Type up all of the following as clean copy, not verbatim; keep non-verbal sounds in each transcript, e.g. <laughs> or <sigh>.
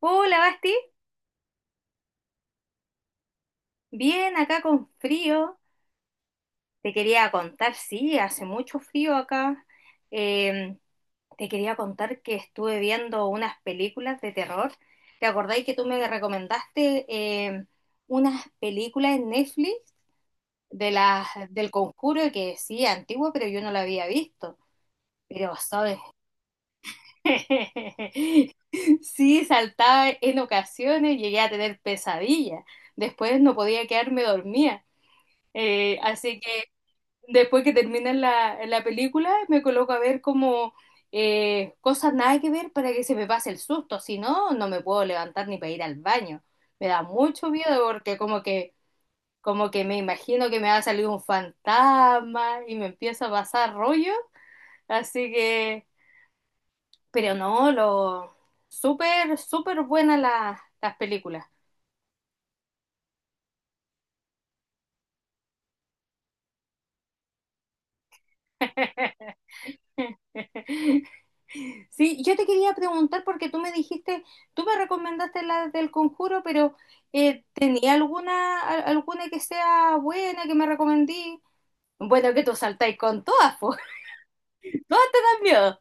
Hola, Basti. Bien, acá con frío. Te quería contar, sí, hace mucho frío acá. Eh, Te quería contar que estuve viendo unas películas de terror. ¿Te acordáis que tú me recomendaste unas películas en Netflix de las del Conjuro que sí, antigua, pero yo no la había visto? Pero, ¿sabes? <laughs> Sí, saltaba en ocasiones, llegué a tener pesadillas. Después no podía quedarme dormida. Así que después que termina la película, me coloco a ver como cosas nada que ver para que se me pase el susto. Si no, no me puedo levantar ni para ir al baño. Me da mucho miedo porque como que me imagino que me va a salir un fantasma y me empieza a pasar rollo. Así que, pero no, lo súper, súper buenas las películas. <laughs> Sí, yo te quería preguntar porque tú me recomendaste la del Conjuro, pero ¿tenía alguna, alguna que sea buena que me recomendí? Bueno, que tú saltáis con todas, po. <laughs> Todas te dan miedo.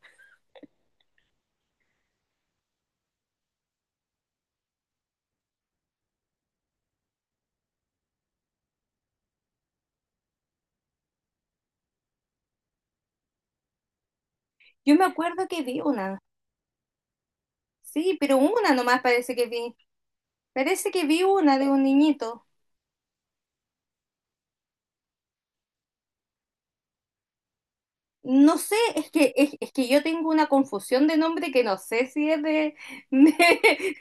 Yo me acuerdo que vi una, sí, pero una nomás parece que vi. Parece que vi una de un niñito. No sé, es que yo tengo una confusión de nombre que no sé si es de,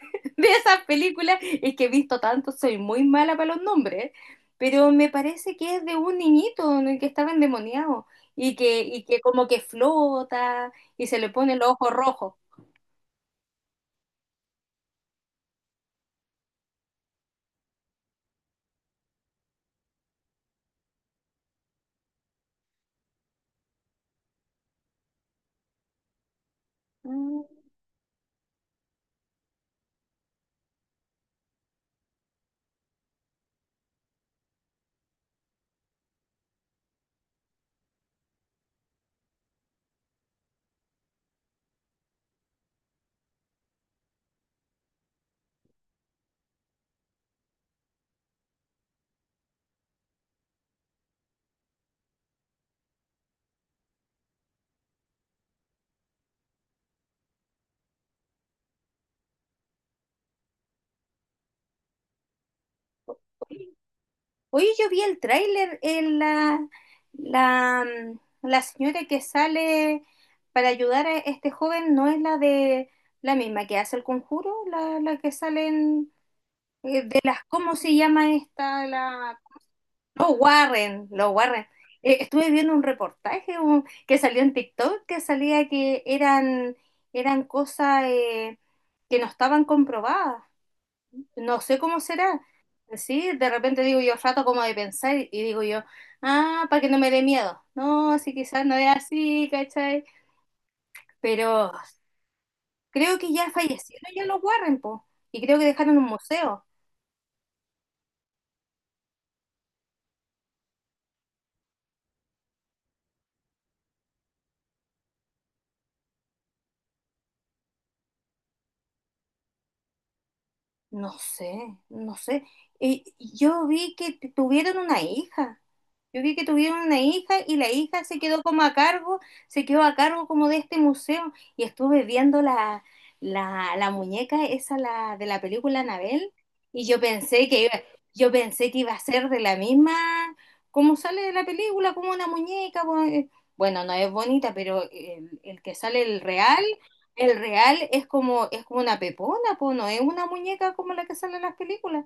<laughs> de esas películas. Es que he visto tanto, soy muy mala para los nombres, pero me parece que es de un niñito en el que estaba endemoniado y y que como que flota y se le ponen los ojos rojos. Oye, yo vi el tráiler en la, la señora que sale para ayudar a este joven no es la de la misma que hace el conjuro, la que sale en, de las, ¿cómo se llama esta? La, no, Warren, los Warren. Estuve viendo un reportaje que salió en TikTok que salía que eran cosas que no estaban comprobadas, no sé cómo será. Sí, de repente digo yo rato como de pensar y digo yo, ah, para que no me dé miedo. No, sí, quizás no es así, ¿cachai? Pero creo que ya fallecieron ya los Warren, po. Y creo que dejaron un museo. No sé, no sé. Yo vi que tuvieron una hija. Yo vi que tuvieron una hija y la hija se quedó como a cargo, se quedó a cargo como de este museo. Y estuve viendo la muñeca esa la, de la película Anabel y yo pensé que iba, yo pensé que iba a ser de la misma, como sale de la película, como una muñeca. Bueno, no es bonita, pero el que sale el real, el real es como una pepona, po, no es una muñeca como la que sale en las películas.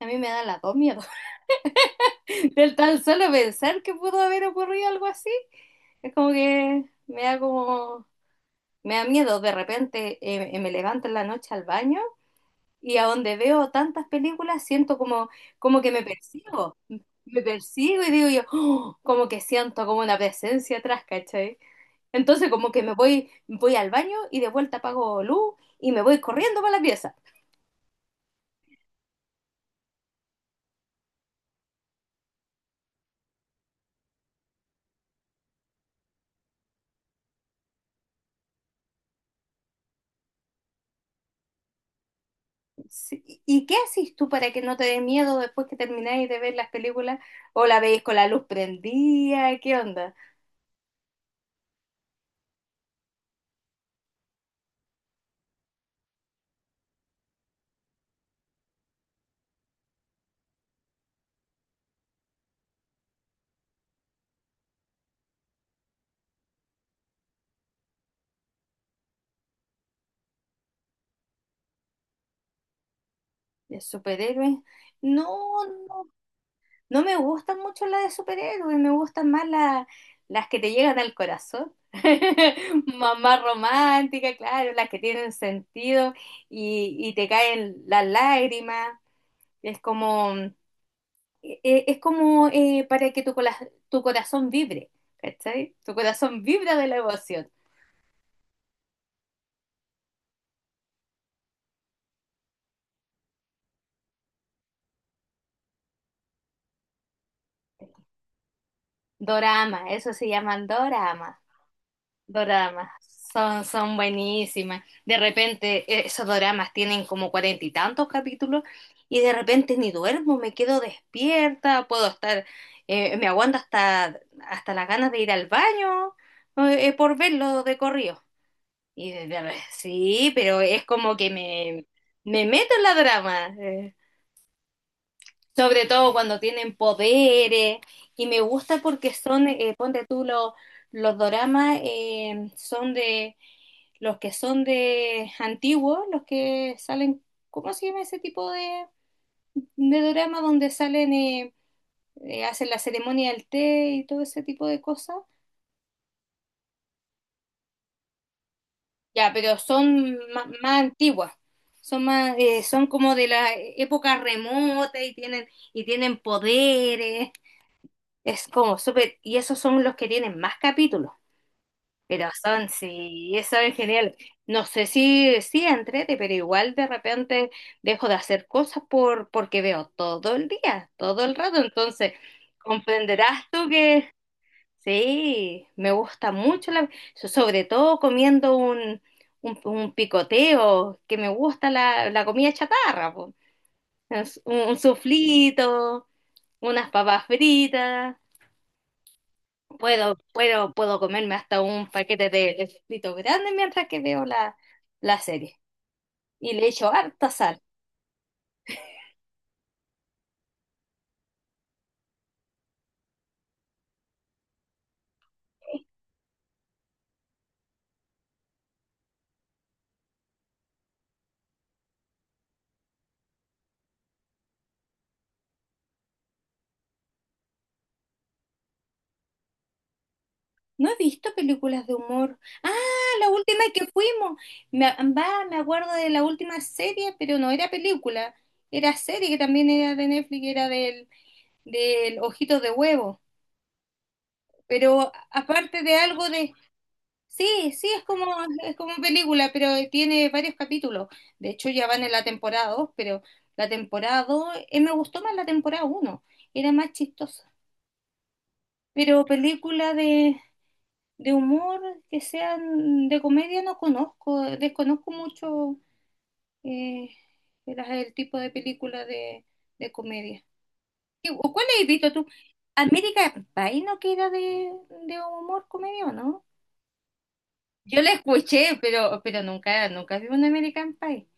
A mí me da las dos miedos. <laughs> Del tan solo pensar que pudo haber ocurrido algo así, es como que me da como, me da miedo. De repente me levanto en la noche al baño y a donde veo tantas películas siento como, como que me persigo. Me persigo y digo yo, "Oh", como que siento como una presencia atrás, ¿cachai? Entonces como que voy al baño y de vuelta apago luz y me voy corriendo para la pieza. Sí, ¿y qué haces tú para que no te dé miedo después que termináis de ver las películas? ¿O la veis con la luz prendida? ¿Qué onda? ¿De superhéroes? No, no, no me gustan mucho las de superhéroes, me gustan más las que te llegan al corazón. <laughs> Mamá romántica, claro, las que tienen sentido y te caen las lágrimas. Es como, es como para que tu corazón vibre, ¿cachai? Tu corazón vibra de la emoción. Dorama, eso se llaman dorama. Dorama. Son, son buenísimas. De repente, esos doramas tienen como cuarenta y tantos capítulos y de repente ni duermo, me quedo despierta, puedo estar, me aguanto hasta, hasta las ganas de ir al baño por verlo de corrido. Sí, pero es como que me meto en la drama. Sobre todo cuando tienen poderes. Y me gusta porque son, ponte tú, los doramas son de los que son de antiguos, los que salen, ¿cómo se llama ese tipo de dorama donde salen, hacen la ceremonia del té y todo ese tipo de cosas? Ya, pero son más, más antiguas. Son más, son como de la época remota y tienen poderes. Es como súper, y esos son los que tienen más capítulos, pero son, sí, eso es genial. No sé si, si entrete, pero igual de repente dejo de hacer cosas por, porque veo todo el día, todo el rato, entonces comprenderás tú que sí, me gusta mucho, so- sobre todo comiendo un picoteo, que me gusta la comida chatarra, po. Es un suflito, unas papas fritas. Puedo, puedo, puedo comerme hasta un paquete de escrito grande mientras que veo la serie. Y le echo harta sal. No he visto películas de humor. Ah, la última que fuimos. Me, me acuerdo de la última serie, pero no era película. Era serie que también era de Netflix, era del Ojito de Huevo. Pero aparte de algo de, sí, sí, es como película, pero tiene varios capítulos. De hecho, ya van en la temporada 2, pero la temporada 2, me gustó más la temporada uno, era más chistosa. Pero película de humor, que sean de comedia, no conozco, desconozco mucho eh, el tipo de película de comedia. O cuál has visto tú? América Pie, ¿no que era de humor, comedia o no? Yo la escuché, pero nunca, nunca vi un American Pie.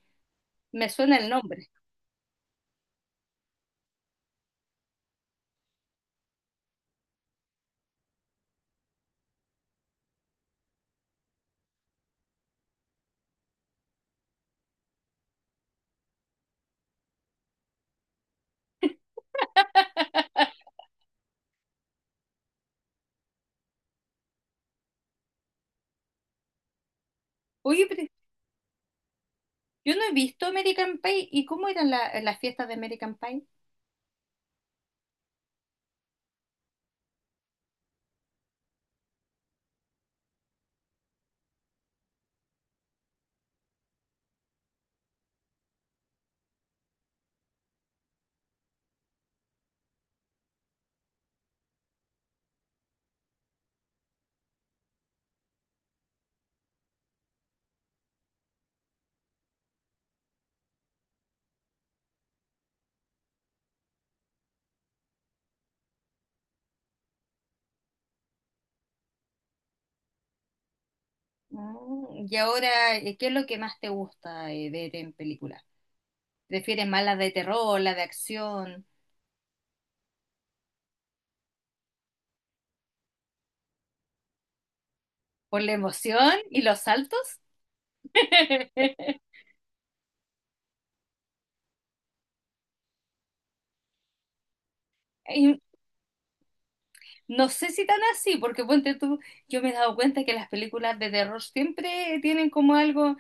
Me suena el nombre. Oye, pero yo no he visto American Pie. ¿Y cómo eran las fiestas de American Pie? Mm, y ahora, ¿qué es lo que más te gusta ver en películas? ¿Prefieres más las de terror, las de acción, por la emoción y los saltos? <laughs> Y no sé si tan así, porque ponte tú, yo me he dado cuenta que las películas de terror siempre tienen como algo.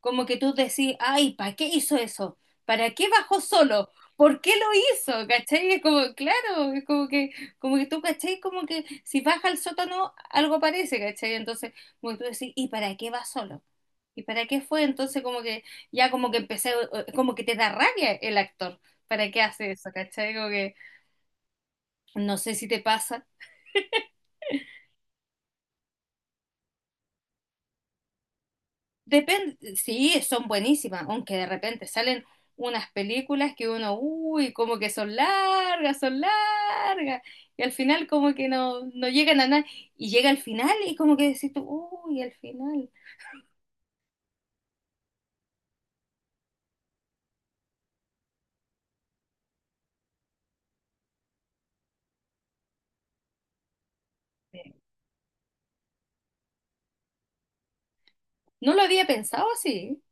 Como que tú decís, ay, ¿para qué hizo eso? ¿Para qué bajó solo? ¿Por qué lo hizo? ¿Cachai? Es como, claro, es como que tú, ¿cachai? Como que si baja al sótano, algo parece, ¿cachai? Entonces, como que tú decís, ¿y para qué va solo? ¿Y para qué fue? Entonces, como que ya como que empecé, como que te da rabia el actor. ¿Para qué hace eso? ¿Cachai? Como que no sé si te pasa. Depende, sí, son buenísimas, aunque de repente salen unas películas que uno, uy, como que son largas, y al final como que no, no llegan a nada, y llega al final y como que decís tú, uy, al final. Sí. No lo había pensado así,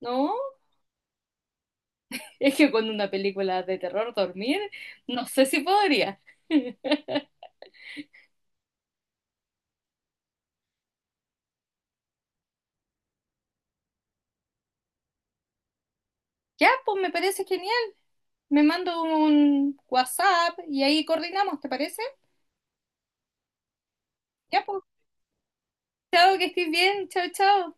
¿no? Es que con una película de terror dormir, no sé si podría. <laughs> Ya, pues me parece genial. Me mando un WhatsApp y ahí coordinamos, ¿te parece? Ya, pues, chao, que estés bien, chao, chao.